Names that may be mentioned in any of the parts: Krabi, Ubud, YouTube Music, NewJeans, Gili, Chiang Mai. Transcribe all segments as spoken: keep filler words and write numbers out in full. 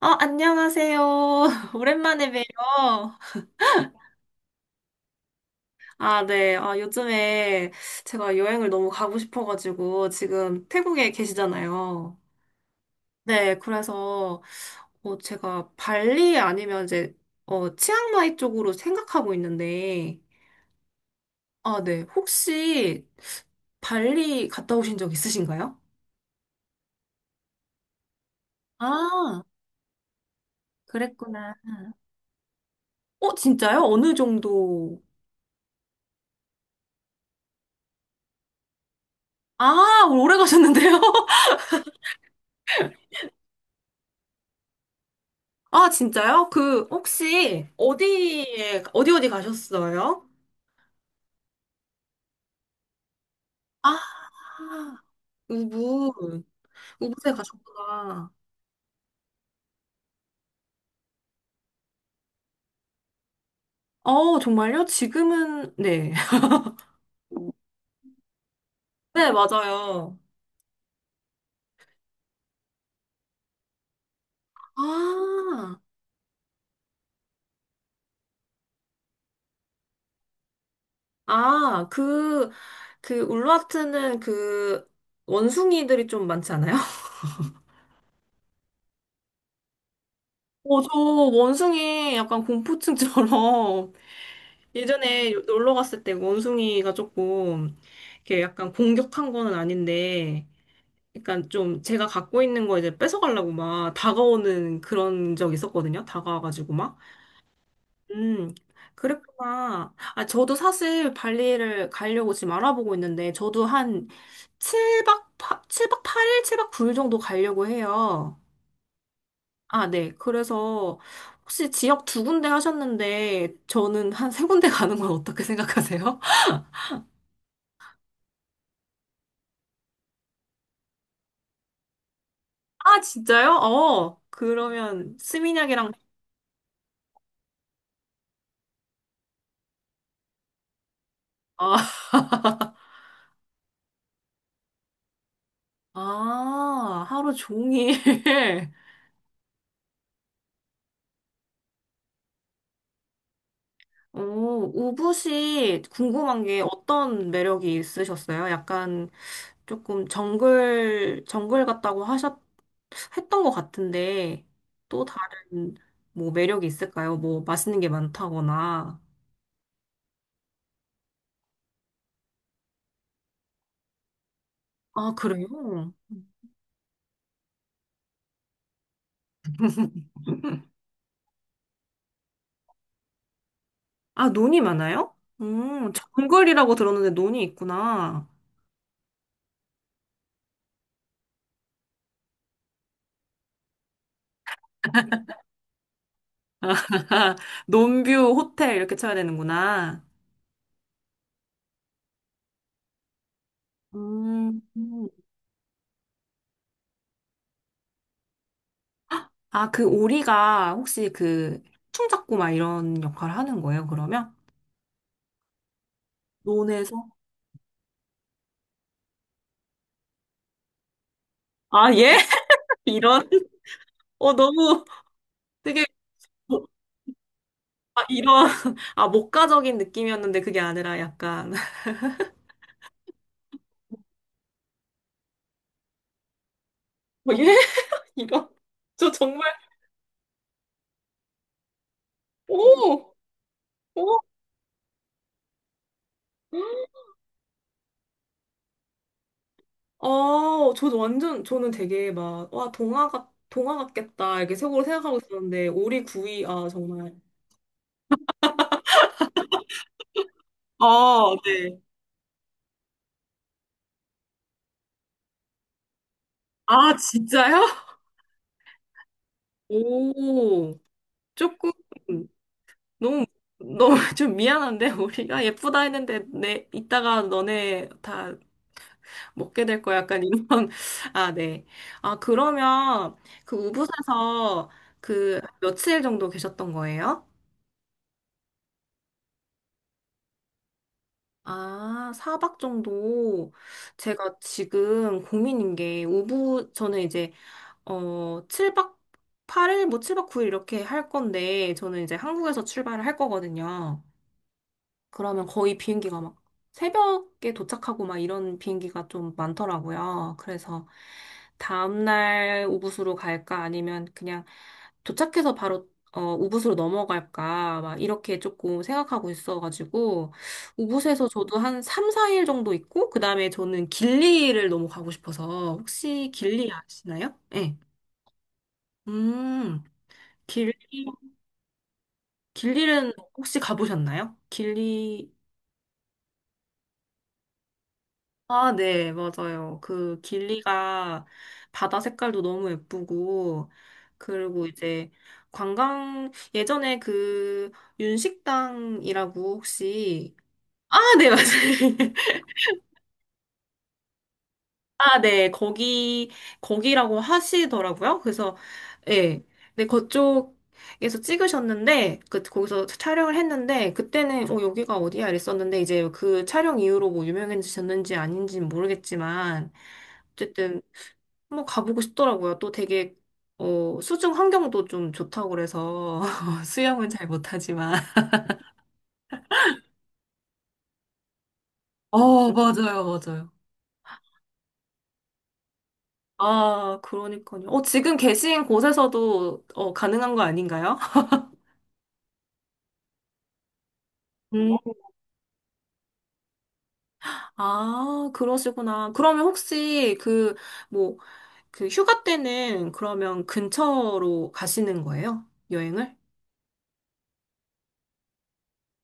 어, 안녕하세요. 오랜만에 봬요. 아, 네. 아, 요즘에 제가 여행을 너무 가고 싶어가지고 지금 태국에 계시잖아요. 네, 그래서 어, 제가 발리 아니면 이제 어, 치앙마이 쪽으로 생각하고 있는데, 아, 네. 혹시 발리 갔다 오신 적 있으신가요? 아, 그랬구나. 어, 진짜요? 어느 정도? 아, 오래 가셨는데요? 아, 진짜요? 그, 혹시, 어디에, 어디 어디 가셨어요? 아, 우붓. 우붓에 가셨구나. 어, 정말요? 지금은, 네. 네, 맞아요. 아, 아, 그, 그, 울라트는 그, 원숭이들이 좀 많지 않아요? 어, 저 원숭이 약간 공포증처럼 예전에 놀러 갔을 때 원숭이가 조금 이렇게 약간 공격한 거는 아닌데 약간 좀 제가 갖고 있는 거 이제 뺏어가려고 막 다가오는 그런 적 있었거든요. 다가와가지고 막. 음, 그랬구나. 아, 저도 사실 발리를 가려고 지금 알아보고 있는데, 저도 한 칠 박, 칠박 팔 일, 칠 박 구 일 정도 가려고 해요. 아, 네. 그래서 혹시 지역 두 군데 하셨는데, 저는 한 세 군데 가는 건 어떻게 생각하세요? 아, 진짜요? 어, 그러면 스미냑이랑, 아, 아, 하루 종일. 오, 우붓이 궁금한 게 어떤 매력이 있으셨어요? 약간 조금 정글, 정글 같다고 하셨, 했던 것 같은데, 또 다른 뭐 매력이 있을까요? 뭐 맛있는 게 많다거나. 아, 그래요? 아, 논이 많아요? 음, 정글이라고 들었는데 논이 있구나. 논뷰 호텔 이렇게 쳐야 되는구나. 음, 아, 그 오리가 혹시 그 해충 잡고 막 이런 역할을 하는 거예요, 그러면? 논에서? 아, 예? 이런? 어, 너무 되게, 뭐- 아, 이런, 아, 목가적인 느낌이었는데 그게 아니라 약간, 어, 예? 이런? 저 정말, 오! 오! 어, 저 완전, 저는 되게 막, 와, 동화 같, 동화 같겠다, 이렇게 속으로 생각하고 있었는데, 오리 구이, 아, 정말. 어, 네. 아, 진짜요? 오, 조금. 너무 너무 좀 미안한데 우리가 예쁘다 했는데 내 이따가 너네 다 먹게 될 거야 약간 이런 아, 네. 아, 그러면 그 우붓에서 그 며칠 정도 계셨던 거예요? 아, 사 박 정도. 제가 지금 고민인 게 우붓 저는 이제 어 칠 박 팔 일 뭐 칠 박 구 일 이렇게 할 건데 저는 이제 한국에서 출발을 할 거거든요. 그러면 거의 비행기가 막 새벽에 도착하고 막 이런 비행기가 좀 많더라고요. 그래서 다음날 우붓으로 갈까 아니면 그냥 도착해서 바로 어, 우붓으로 넘어갈까 막 이렇게 조금 생각하고 있어가지고 우붓에서 저도 한 삼, 사 일 정도 있고 그다음에 저는 길리를 너무 가고 싶어서 혹시 길리 아시나요? 네. 음, 길리, 길리는 혹시 가보셨나요? 길리 아, 네, 맞아요. 그 길리가 바다 색깔도 너무 예쁘고, 그리고 이제 관광, 예전에 그 윤식당이라고 혹시, 아, 네, 맞아요. 아, 네. 거기, 거기라고 하시더라고요. 그래서, 예. 네, 그쪽에서 찍으셨는데, 그, 거기서 촬영을 했는데, 그때는, 어, 여기가 어디야? 이랬었는데, 이제 그 촬영 이후로 뭐 유명해지셨는지 아닌지는 모르겠지만, 어쨌든, 뭐 가보고 싶더라고요. 또 되게, 어, 수중 환경도 좀 좋다고 그래서, 수영은 잘 못하지만. 어, 맞아요, 맞아요. 아, 그러니까요. 어, 지금 계신 곳에서도, 어, 가능한 거 아닌가요? 음, 아, 그러시구나. 그러면 혹시 그, 뭐, 그 휴가 때는 그러면 근처로 가시는 거예요? 여행을?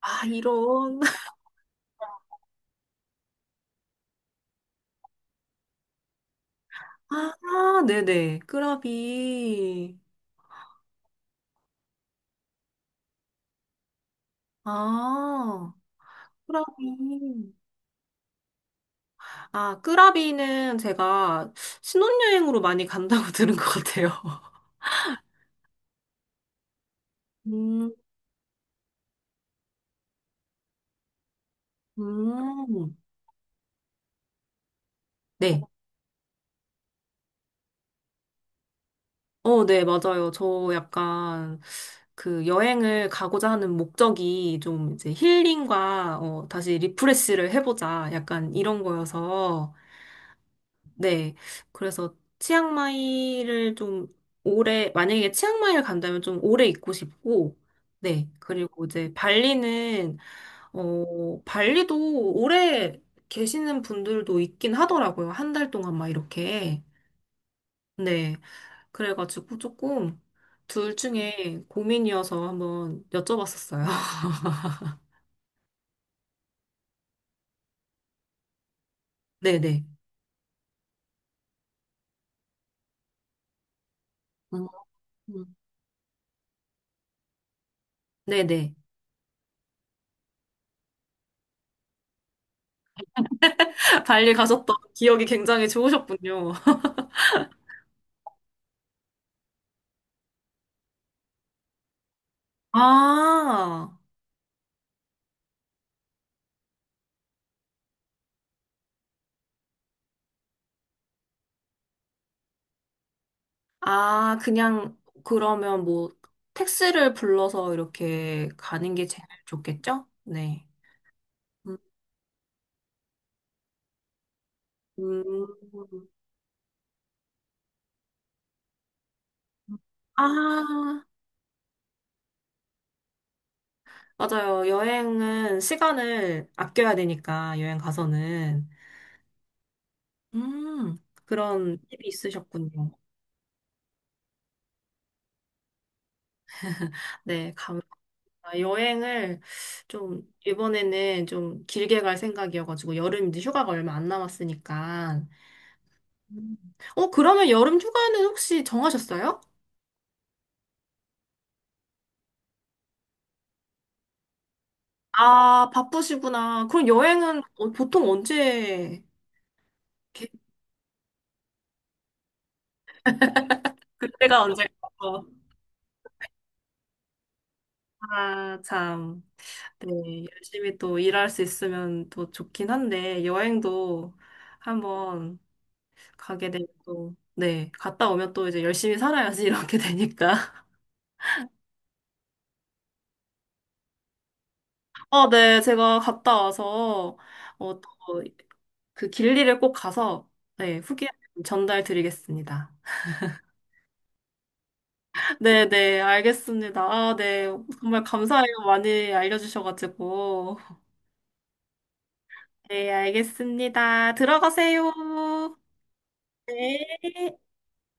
아, 이런. 아, 네네. 끄라비. 아, 끄라비. 아, 끄라비는 제가 신혼여행으로 많이 간다고 들은 것 같아요. 음, 음. 네. 어, 네, 맞아요. 저 약간 그 여행을 가고자 하는 목적이 좀 이제 힐링과 어, 다시 리프레시를 해보자. 약간 이런 거여서. 네. 그래서 치앙마이를 좀 오래, 만약에 치앙마이를 간다면 좀 오래 있고 싶고, 네. 그리고 이제 발리는, 어, 발리도 오래 계시는 분들도 있긴 하더라고요. 한 달 동안 막 이렇게. 네. 그래가지고 조금 둘 중에 고민이어서 한번 여쭤봤었어요. 네네. 음, 음. 네네. 발리 가셨던 기억이 굉장히 좋으셨군요. 아, 아, 그냥 그러면 뭐 택시를 불러서 이렇게 가는 게 제일 좋겠죠? 네. 음, 음, 아, 맞아요. 여행은 시간을 아껴야 되니까, 여행 가서는. 음, 그런 팁이 있으셨군요. 네, 감, 아, 여행을 좀, 이번에는 좀 길게 갈 생각이어가지고, 여름 이제 휴가가 얼마 안 남았으니까. 음. 어, 그러면 여름 휴가는 혹시 정하셨어요? 아, 바쁘시구나. 그럼 여행은 어, 보통 언제, 게- 그때가 언제? 아, 참. 네, 열심히 또 일할 수 있으면 또 좋긴 한데, 여행도 한번 가게 되고, 네, 갔다 오면 또 이제 열심히 살아야지 이렇게 되니까. 아, 네, 제가 갔다 와서, 어, 또 그 길리를 꼭 가서, 네, 후기 전달 드리겠습니다. 네, 네, 알겠습니다. 아, 네, 정말 감사해요. 많이 알려주셔가지고. 네, 알겠습니다. 들어가세요. 네.